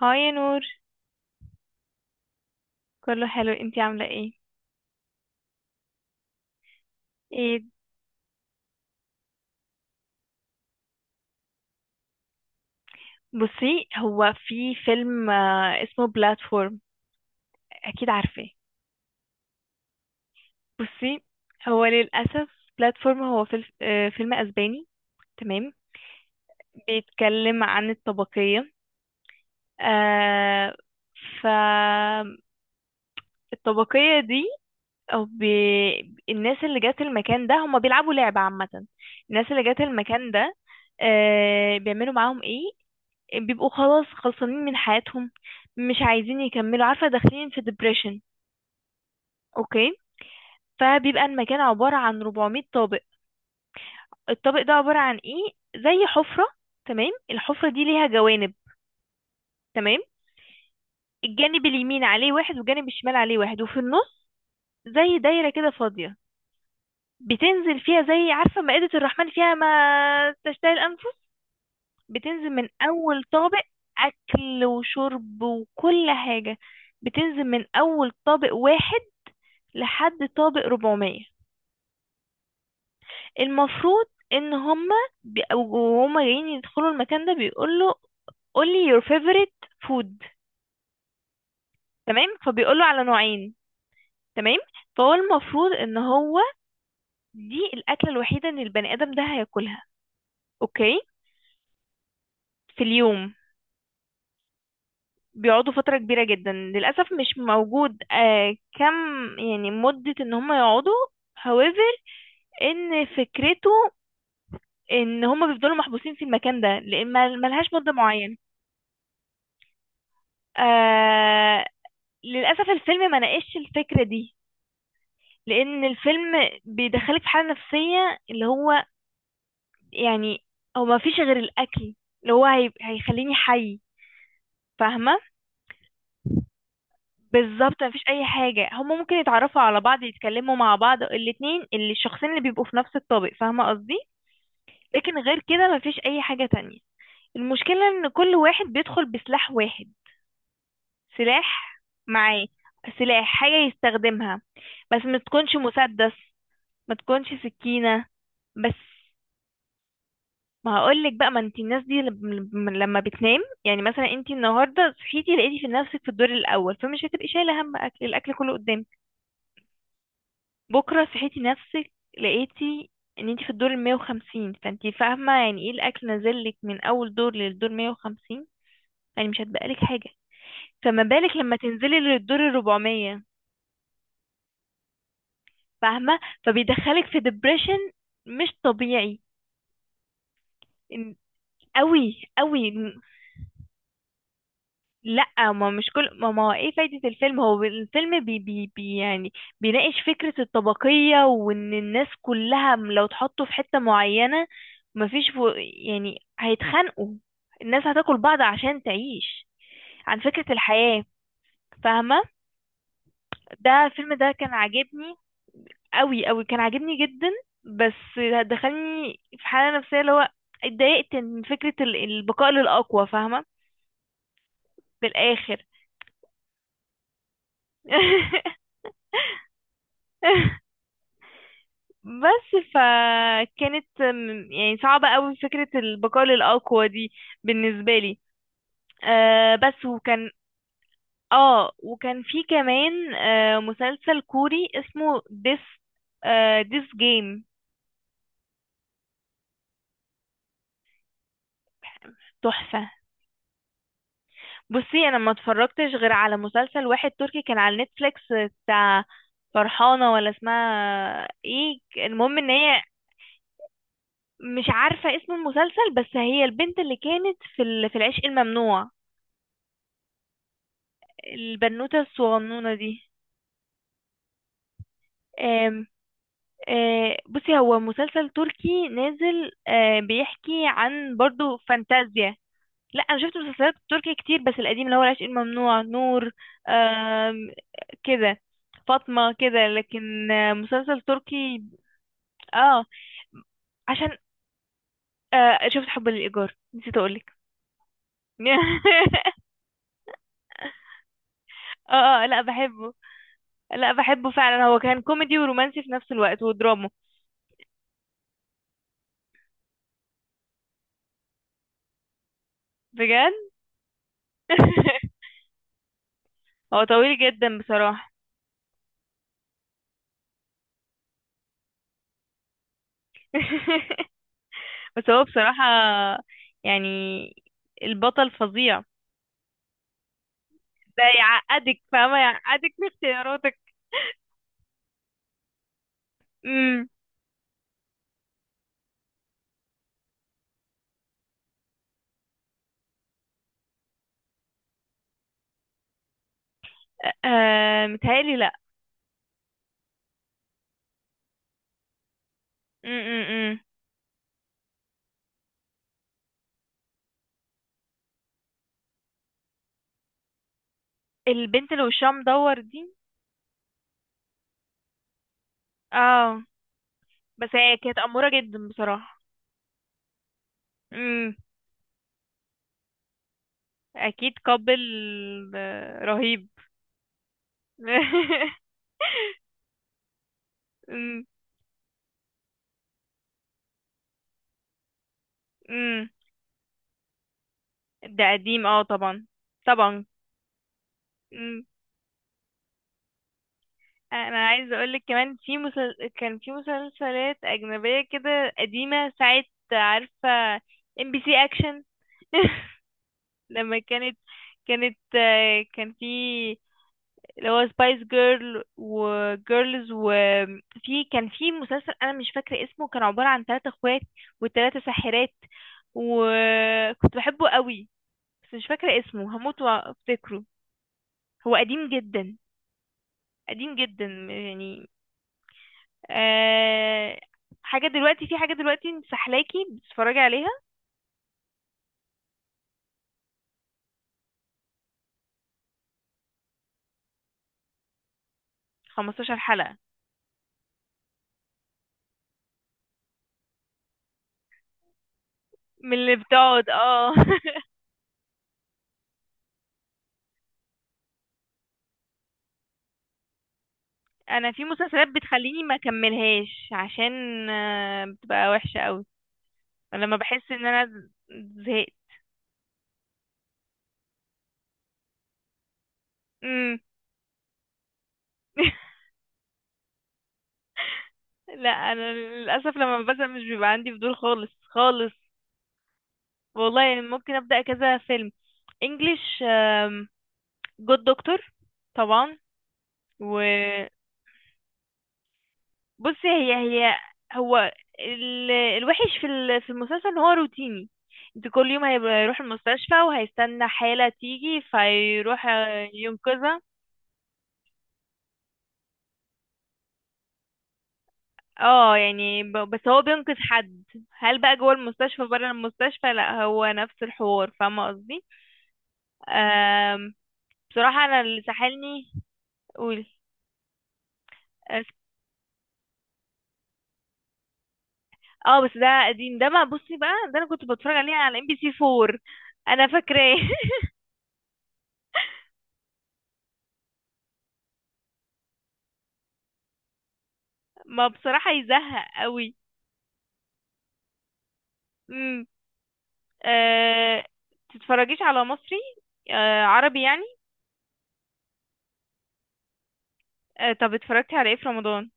هاي يا نور. كله حلو، انتي عاملة ايه؟ ايه، بصي هو في فيلم اسمه بلاتفورم، اكيد عارفاه. بصي هو للأسف بلاتفورم هو فيلم اسباني، تمام. بيتكلم عن الطبقية، آه فالطبقية دي او بي... الناس اللي جات المكان ده هما بيلعبوا لعبة عامة. الناس اللي جات المكان ده بيعملوا معاهم ايه؟ بيبقوا خلاص خلصانين من حياتهم، مش عايزين يكملوا، عارفة، داخلين في depression. اوكي، فبيبقى المكان عبارة عن 400 طابق. الطابق ده عبارة عن ايه؟ زي حفرة، تمام. الحفرة دي ليها جوانب، تمام. الجانب اليمين عليه واحد والجانب الشمال عليه واحد وفي النص زي دايرة كده فاضية، بتنزل فيها زي، عارفة، مائدة الرحمن فيها ما تشتهي الأنفس. بتنزل من أول طابق، أكل وشرب وكل حاجة، بتنزل من أول طابق واحد لحد طابق 400. المفروض ان هما وهما جايين يدخلوا المكان ده بيقول له، قول لي your favorite food. تمام، فبيقول له على نوعين، تمام. فهو المفروض ان هو دي الاكله الوحيده ان البني ادم ده هياكلها، اوكي، في اليوم. بيقعدوا فتره كبيره جدا، للاسف مش موجود كم يعني مده ان هم يقعدوا. however، ان فكرته ان هم بيفضلوا محبوسين في المكان ده لان ملهاش مده معينه. آه للأسف الفيلم ما ناقشش الفكرة دي، لأن الفيلم بيدخلك في حالة نفسية، اللي هو يعني هو ما فيش غير الأكل اللي هو هيخليني حي، فاهمة. بالظبط ما فيش أي حاجة، هما ممكن يتعرفوا على بعض، يتكلموا مع بعض، الاتنين اللي الشخصين اللي بيبقوا في نفس الطابق، فاهمة قصدي. لكن غير كده ما فيش أي حاجة تانية. المشكلة إن كل واحد بيدخل بسلاح واحد، سلاح معاه، سلاح، حاجة يستخدمها، بس ما تكونش مسدس، ما تكونش سكينة، بس. ما هقولك بقى، ما انت الناس دي لما بتنام، يعني مثلا انت النهارده صحيتي لقيتي في نفسك في الدور الاول، فمش هتبقي شايله هم اكل، الاكل كله قدامك. بكره صحيتي نفسك، لقيتي ان انت في الدور ال 150، فانت فاهمه يعني ايه الاكل نازلك من اول دور للدور 150، يعني مش هتبقالك حاجه. فما بالك لما تنزلي للدور ال 400، فاهمه، فبيدخلك في ديبريشن مش طبيعي. إن- قوي قوي. لا، ما مش كل ما هو ايه فايدة الفيلم، هو الفيلم بي بي بي يعني بيناقش فكرة الطبقية، وان الناس كلها لو اتحطوا في حتة معينة مفيش فو يعني هيتخانقوا، الناس هتاكل بعض عشان تعيش، عن فكرة الحياة، فاهمة. ده الفيلم ده كان عاجبني، قوي قوي، كان عاجبني جدا. بس دخلني في حالة نفسية، اللي هو اتضايقت من فكرة البقاء للأقوى، فاهمة، بالآخر. بس فكانت يعني صعبة قوي فكرة البقاء للأقوى دي بالنسبة لي. بس، وكان اه وكان في كمان مسلسل كوري اسمه ديس، ديس جيم، تحفة. بصي انا ما اتفرجتش غير على مسلسل واحد تركي كان على نتفليكس، بتاع فرحانة ولا اسمها ايه، المهم ان هي مش عارفة اسم المسلسل، بس هي البنت اللي كانت في في العشق الممنوع، البنوتة الصغنونة دي. آم، بصي هو مسلسل تركي نازل، بيحكي عن برضو فانتازيا. لا انا شفت مسلسلات تركي كتير، بس القديم اللي هو العشق الممنوع، نور، آم، كده، فاطمة كده، لكن مسلسل تركي. اه، عشان شفت حب للإيجار، نسيت اقولك. اه، لا بحبه، لا بحبه فعلا. هو كان كوميدي ورومانسي في نفس الوقت ودراما، بجد. هو طويل جدا بصراحة. بس هو بصراحة يعني البطل فظيع، ده يعقدك، فاهمة، يعقدك في اختياراتك. امم آه متهيألي لأ. امم البنت اللي وشها مدور دي. اه، بس هي كانت أمورة جدا بصراحة. امم أكيد قابل، رهيب. امم أمم. ده قديم، اه، طبعا طبعا. انا عايزه اقول لك كمان في كان في مسلسلات اجنبيه كده قديمه ساعه، عارفه، ام بي سي اكشن. لما كانت، كانت كان في اللي هو سبايس جيرل وجيرلز، وفي كان في مسلسل انا مش فاكره اسمه، كان عباره عن ثلاثة اخوات وثلاثة ساحرات، وكنت بحبه قوي، بس مش فاكره اسمه، هموت وافتكره. هو قديم جدا، قديم جدا يعني. آه حاجة دلوقتي، في حاجة دلوقتي مسحلاكي بتتفرجي عليها؟ 15 حلقة، من اللي بتقعد، اه. انا في مسلسلات بتخليني ما اكملهاش، عشان بتبقى وحشة قوي لما بحس ان انا زهقت. امم لا انا للاسف لما بزهق مش بيبقى عندي فضول خالص خالص. والله يعني ممكن ابدا كذا فيلم. انجلش، جود دكتور، طبعا. بصي هي هي هو الوحش في في المسلسل ان هو روتيني. انت كل يوم هيروح المستشفى وهيستنى حالة تيجي فيروح ينقذها. اه، يعني بس هو بينقذ حد، هل بقى جوه المستشفى بره المستشفى؟ لا، هو نفس الحوار، فاهمة قصدي. آم، بصراحة انا اللي سحلني، قول. اه بس ده قديم، ده ما بصي بقى، ده انا كنت بتفرج عليه على ام بي سي 4، انا فاكراه. ما بصراحة يزهق قوي. أه... تتفرجيش على مصري؟ عربي يعني. طب اتفرجتي على ايه في رمضان؟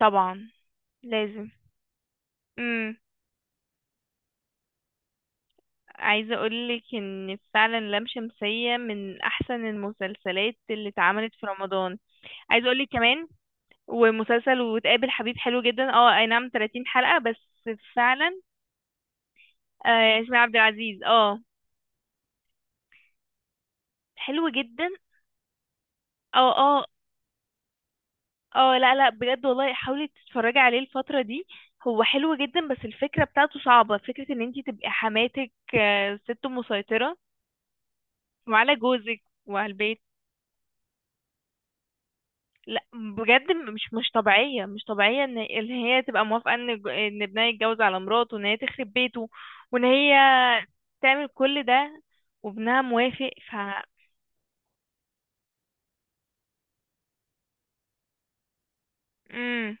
طبعا لازم. امم عايزه اقولك ان فعلا لام شمسيه من احسن المسلسلات اللي اتعملت في رمضان. عايزه اقولك كمان، ومسلسل وتقابل حبيب حلو جدا، اه اي نعم 30 حلقه بس فعلا. آه ياسمين عبد العزيز، اه، حلو جدا. اه، اه لا لا بجد والله حاولي تتفرجي عليه الفترة دي، هو حلو جدا. بس الفكرة بتاعته صعبة، فكرة ان انتي تبقي حماتك ست مسيطرة وعلى جوزك وعلى البيت. لا بجد مش طبيعية، مش طبيعية ان هي تبقى موافقة ان ان ابنها يتجوز على مراته وان هي تخرب بيته وان هي تعمل كل ده وابنها موافق، ف امم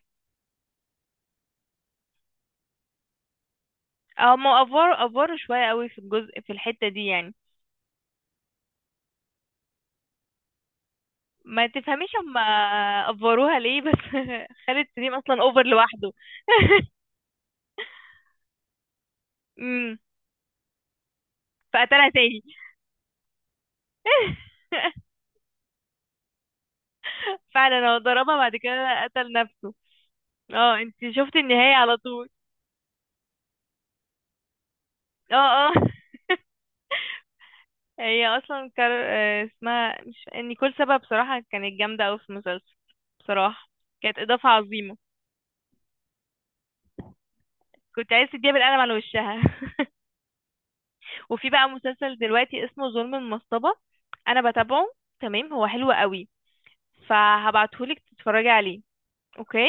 اه، ما افوروا افوروا شوية قوي في الجزء في الحتة دي يعني، ما تفهميش هم افوروها ليه بس. خالد سليم اصلا اوفر لوحده. امم فقتلها تاني. فعلا هو ضربها بعد كده قتل نفسه. اه، انت شفتي النهاية على طول؟ اه اه. هي اصلا كار... آه، اسمها مش نيكول سابا بصراحة، كانت جامدة اوي في المسلسل بصراحة، كانت اضافة عظيمة. كنت عايز تديها بالقلم على وشها. وفي بقى مسلسل دلوقتي اسمه ظلم المصطبة، انا بتابعه، تمام، هو حلو قوي، فهبعتهولك تتفرجي عليه. اوكي.